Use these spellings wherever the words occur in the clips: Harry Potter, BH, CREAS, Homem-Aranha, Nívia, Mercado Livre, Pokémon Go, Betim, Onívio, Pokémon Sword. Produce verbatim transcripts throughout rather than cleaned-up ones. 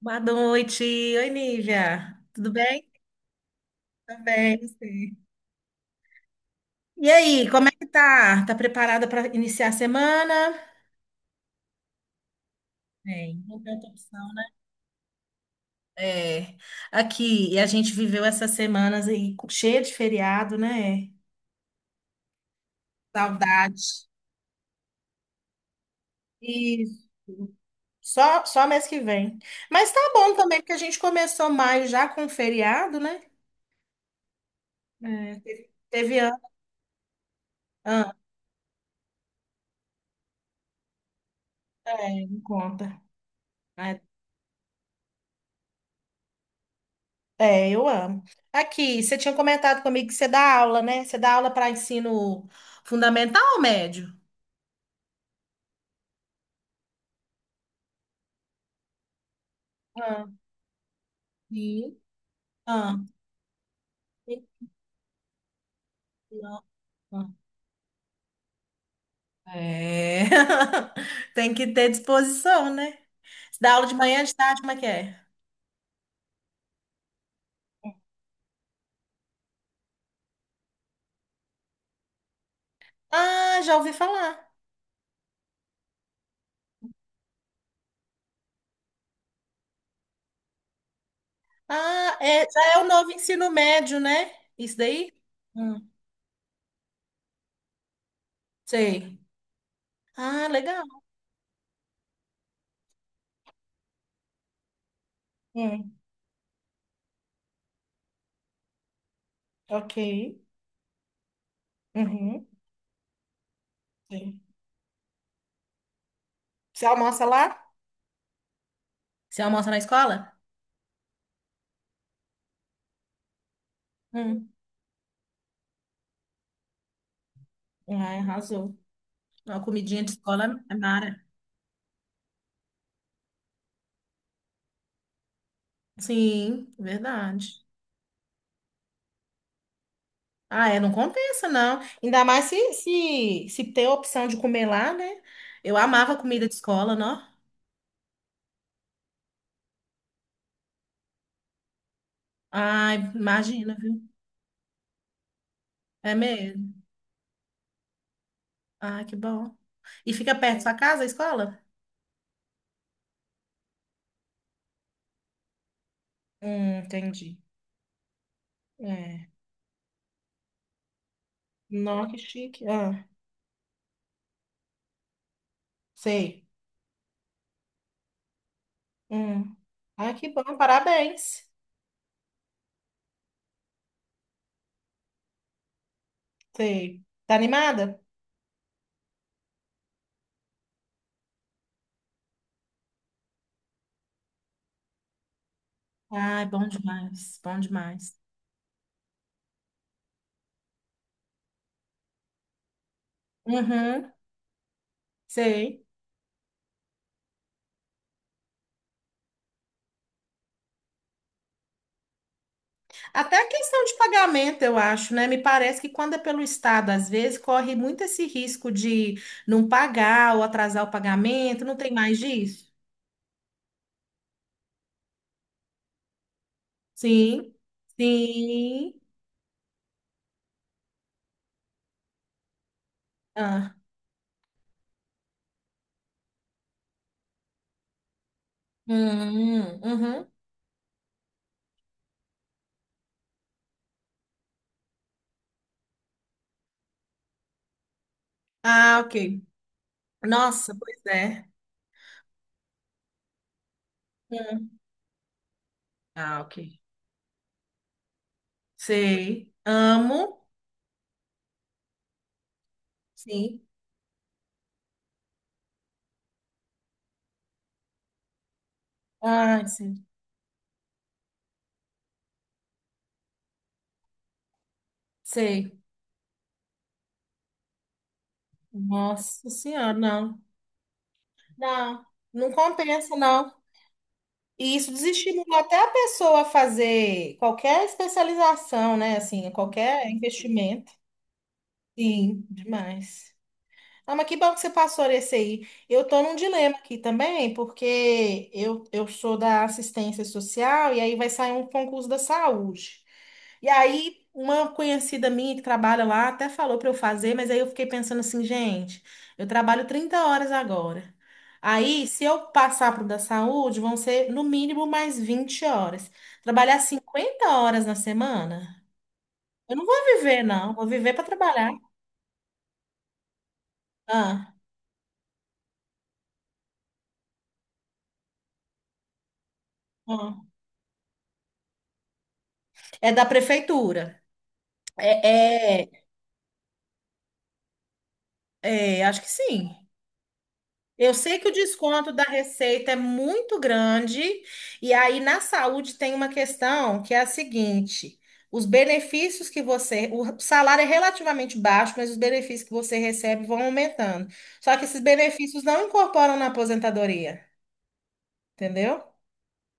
Boa noite. Oi, Nívia. Tudo bem? Tudo bem, você? E aí, como é que tá? Tá preparada para iniciar a semana? Bem, não tem outra opção, né? É, aqui, e a gente viveu essas semanas aí cheia de feriado, né? Saudade. Isso. Só, só mês que vem. Mas tá bom também, porque a gente começou maio já com feriado, né? É, teve, teve ano. Ah, é, me conta. Ah, é, eu amo. Aqui, você tinha comentado comigo que você dá aula, né? Você dá aula para ensino fundamental ou médio? Ah, sim. Ah, tem- não, ah, é. Tem que ter disposição, né? Você dá aula de manhã, de tarde, como é que é? Ah, já ouvi falar. Ah, é, já é o novo ensino médio, né? Isso daí? Hum, sei. Ah, legal. Hum, ok. Uhum, sei. Você almoça lá? Você almoça na escola? Hum, ah, arrasou. Uma comidinha de escola é mara. Sim, verdade. Ah, é, não compensa, não. Ainda mais se, se, se tem a opção de comer lá, né? Eu amava comida de escola, não? Ai, imagina, viu? É mesmo. Ah, que bom. E fica perto da sua casa, a escola? Hum, entendi. É. Nó, que chique. Ah, sei. Hum. Ai, que bom, parabéns. Sei. Tá animada? Ai, bom demais, bom demais. Uhum, sei. Até a questão de pagamento, eu acho, né? Me parece que quando é pelo Estado, às vezes, corre muito esse risco de não pagar ou atrasar o pagamento, não tem mais disso? Sim, sim. Ah, hum, uhum. Ah, ok. Nossa, pois é. Hum. Ah, ok. Sei. Amo. Sim. Ah, sim. Sei. Nossa Senhora, não. Não, não compensa, não. E isso desestimula até a pessoa a fazer qualquer especialização, né? Assim, qualquer investimento. Sim, demais. Ah, mas que bom que você passou nesse aí. Eu tô num dilema aqui também, porque eu, eu sou da assistência social e aí vai sair um concurso da saúde. E aí, uma conhecida minha que trabalha lá até falou para eu fazer, mas aí eu fiquei pensando assim, gente, eu trabalho trinta horas agora. Aí, se eu passar para o da saúde, vão ser no mínimo mais vinte horas. Trabalhar cinquenta horas na semana? Eu não vou viver, não. Vou viver para trabalhar. Ah, ah. É da prefeitura. É, é, é, acho que sim. Eu sei que o desconto da receita é muito grande, e aí na saúde tem uma questão que é a seguinte: os benefícios que você. O salário é relativamente baixo, mas os benefícios que você recebe vão aumentando. Só que esses benefícios não incorporam na aposentadoria, entendeu?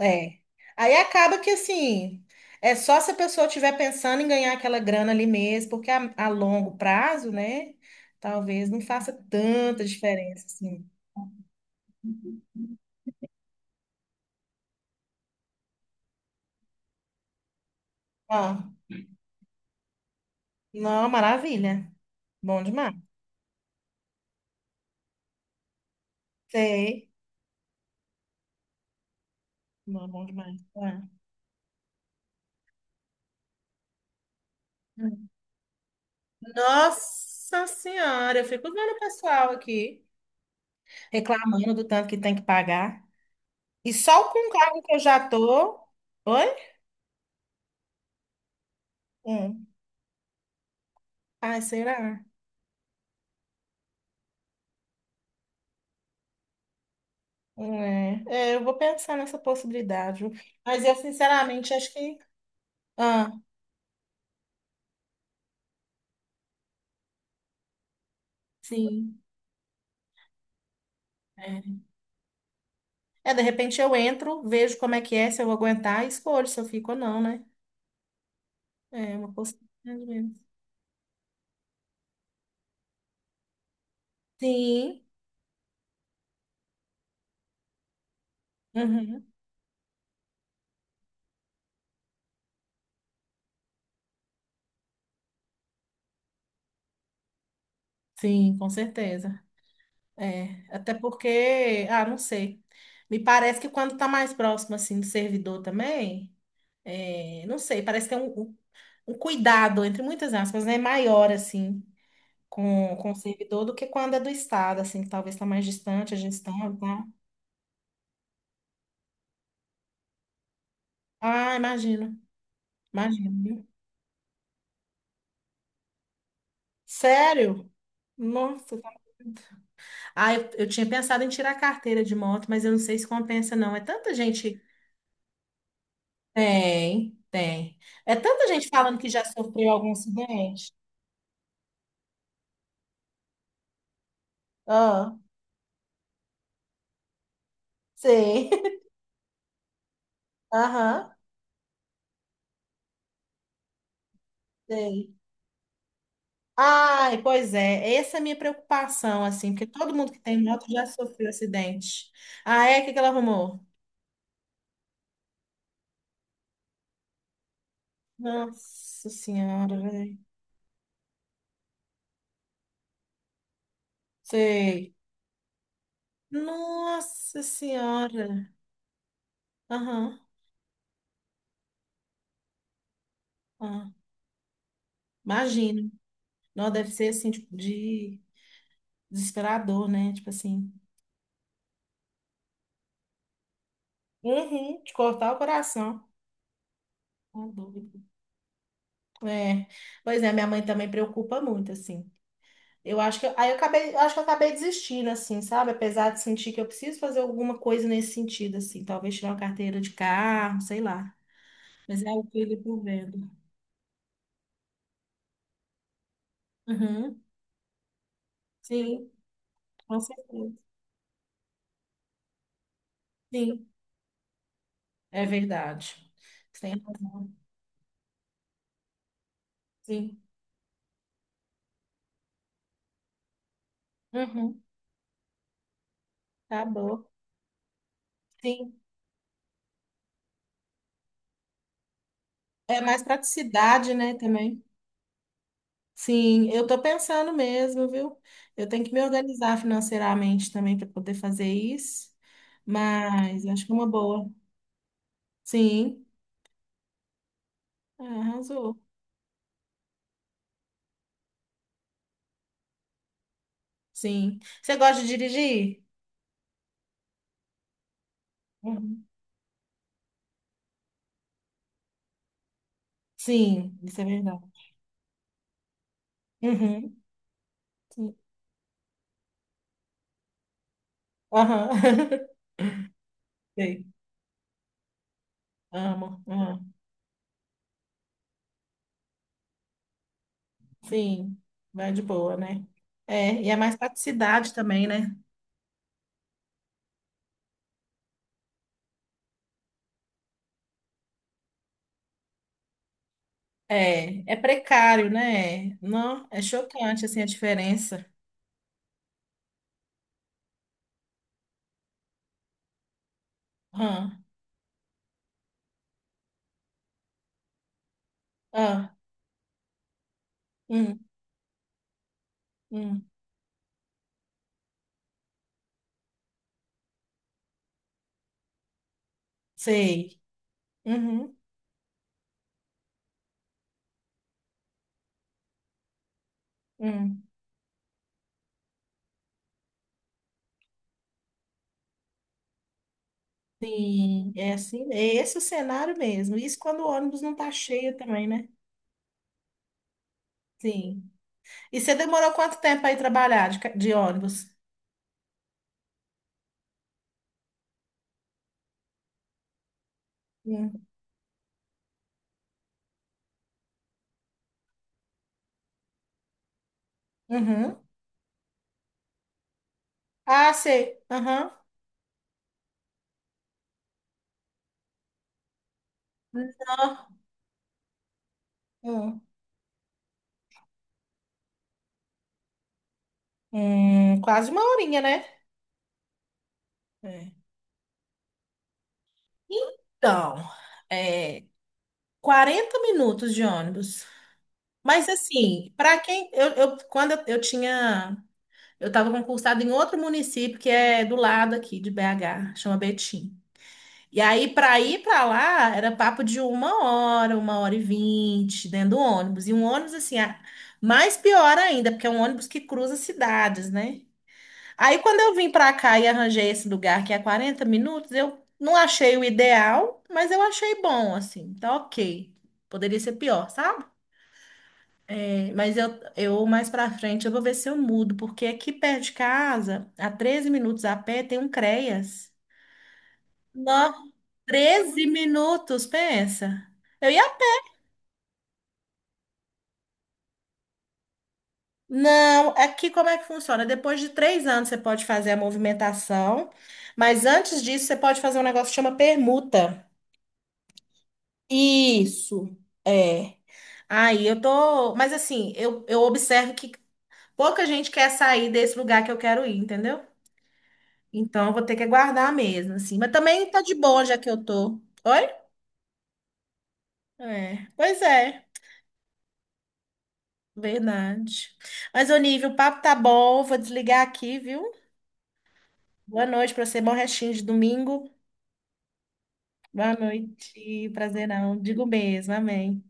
É. Aí acaba que assim. É só se a pessoa estiver pensando em ganhar aquela grana ali mesmo, porque a, a longo prazo, né? Talvez não faça tanta diferença assim. Não, maravilha. Bom demais. Sei. Não, bom demais. É. Hum. Nossa Senhora, eu fico vendo o pessoal aqui reclamando do tanto que tem que pagar. E só com o cargo que eu já tô. Oi? Hum. Ai, será? Hum, É. É, eu vou pensar nessa possibilidade, viu? Mas eu, sinceramente, acho que. Ah, sim. É. É, de repente eu entro, vejo como é que é, se eu vou aguentar e escolho se eu fico ou não, né? É uma possibilidade mesmo. Sim. Uhum. Sim, com certeza. É, até porque, ah, não sei. Me parece que quando tá mais próximo, assim, do servidor também, é, não sei, parece que tem um, um um cuidado, entre muitas aspas, né, maior, assim, com, com o servidor do que quando é do Estado, assim, que talvez tá mais distante a gestão, tá? Ah, imagino, imagino, viu? Sério? Nossa, tá, ah, eu, eu tinha pensado em tirar a carteira de moto, mas eu não sei se compensa, não. É tanta gente. Tem, tem. É tanta gente falando que já sofreu algum acidente. Ah, sei. Aham, sei. Ai, pois é. Essa é a minha preocupação, assim, porque todo mundo que tem moto já sofreu acidente. Ah, é? O que que ela arrumou? Nossa Senhora, velho. Sei. Nossa Senhora. Aham, aham. Imagino. Não, deve ser, assim, tipo, de desesperador, né? Tipo assim. Uhum, de cortar o coração. Não, dúvida. É, pois é, minha mãe também preocupa muito, assim. Eu acho que aí eu acabei, eu acho que eu acabei desistindo, assim, sabe? Apesar de sentir que eu preciso fazer alguma coisa nesse sentido, assim, talvez tirar uma carteira de carro, sei lá. Mas é o que ele por vendo. Uhum. Sim, com certeza. Sim, é verdade. Você tem razão. Sim. Uhum. Tá bom. Sim. É mais praticidade, né, também. Sim, eu tô pensando mesmo, viu? Eu tenho que me organizar financeiramente também para poder fazer isso, mas acho que é uma boa. Sim, é, arrasou. Sim. Você gosta de dirigir? Uhum. Sim, isso é verdade. Uhum. Sim. Aham. Sei. Amo, amo. Sim, vai de boa, né? É, e é mais praticidade também, né? É, é precário, né? Não, é chocante assim a diferença. Aham. Ah, hum, hum. Sei. Uhum, uhum. Sim, é assim, é esse o cenário mesmo. Isso quando o ônibus não tá cheio também, né? Sim. E você demorou quanto tempo aí trabalhar de, ca- de ônibus? Hum. Uhum. Ah, sei. Aham. Nó. Hum. Hum, quase uma horinha, né? É. Então, é, quarenta minutos de ônibus. Mas assim, para quem eu, eu- quando eu, eu tinha. Eu estava concursada em outro município que é do lado aqui de B H, chama Betim. E aí, para ir para lá, era papo de uma hora, uma hora e vinte, dentro do ônibus. E um ônibus, assim, ah, mais pior ainda, porque é um ônibus que cruza cidades, né? Aí, quando eu vim para cá e arranjei esse lugar que é quarenta minutos, eu não achei o ideal, mas eu achei bom, assim, tá ok. Poderia ser pior, sabe? Mas eu, eu mais pra frente eu vou ver se eu mudo, porque aqui perto de casa, a treze minutos a pé, tem um CREAS. Não, treze minutos, pensa. Eu ia. Não, aqui como é que funciona? Depois de três anos você pode fazer a movimentação, mas antes disso você pode fazer um negócio que chama permuta. Isso, é. Aí eu tô. Mas assim, eu, eu observo que pouca gente quer sair desse lugar que eu quero ir, entendeu? Então, eu vou ter que aguardar mesmo, assim. Mas também tá de boa, já que eu tô. Oi? É, pois é, verdade. Mas, Onívio, o papo tá bom, vou desligar aqui, viu? Boa noite pra você, bom restinho de domingo. Boa noite, prazerão. Digo mesmo, amém.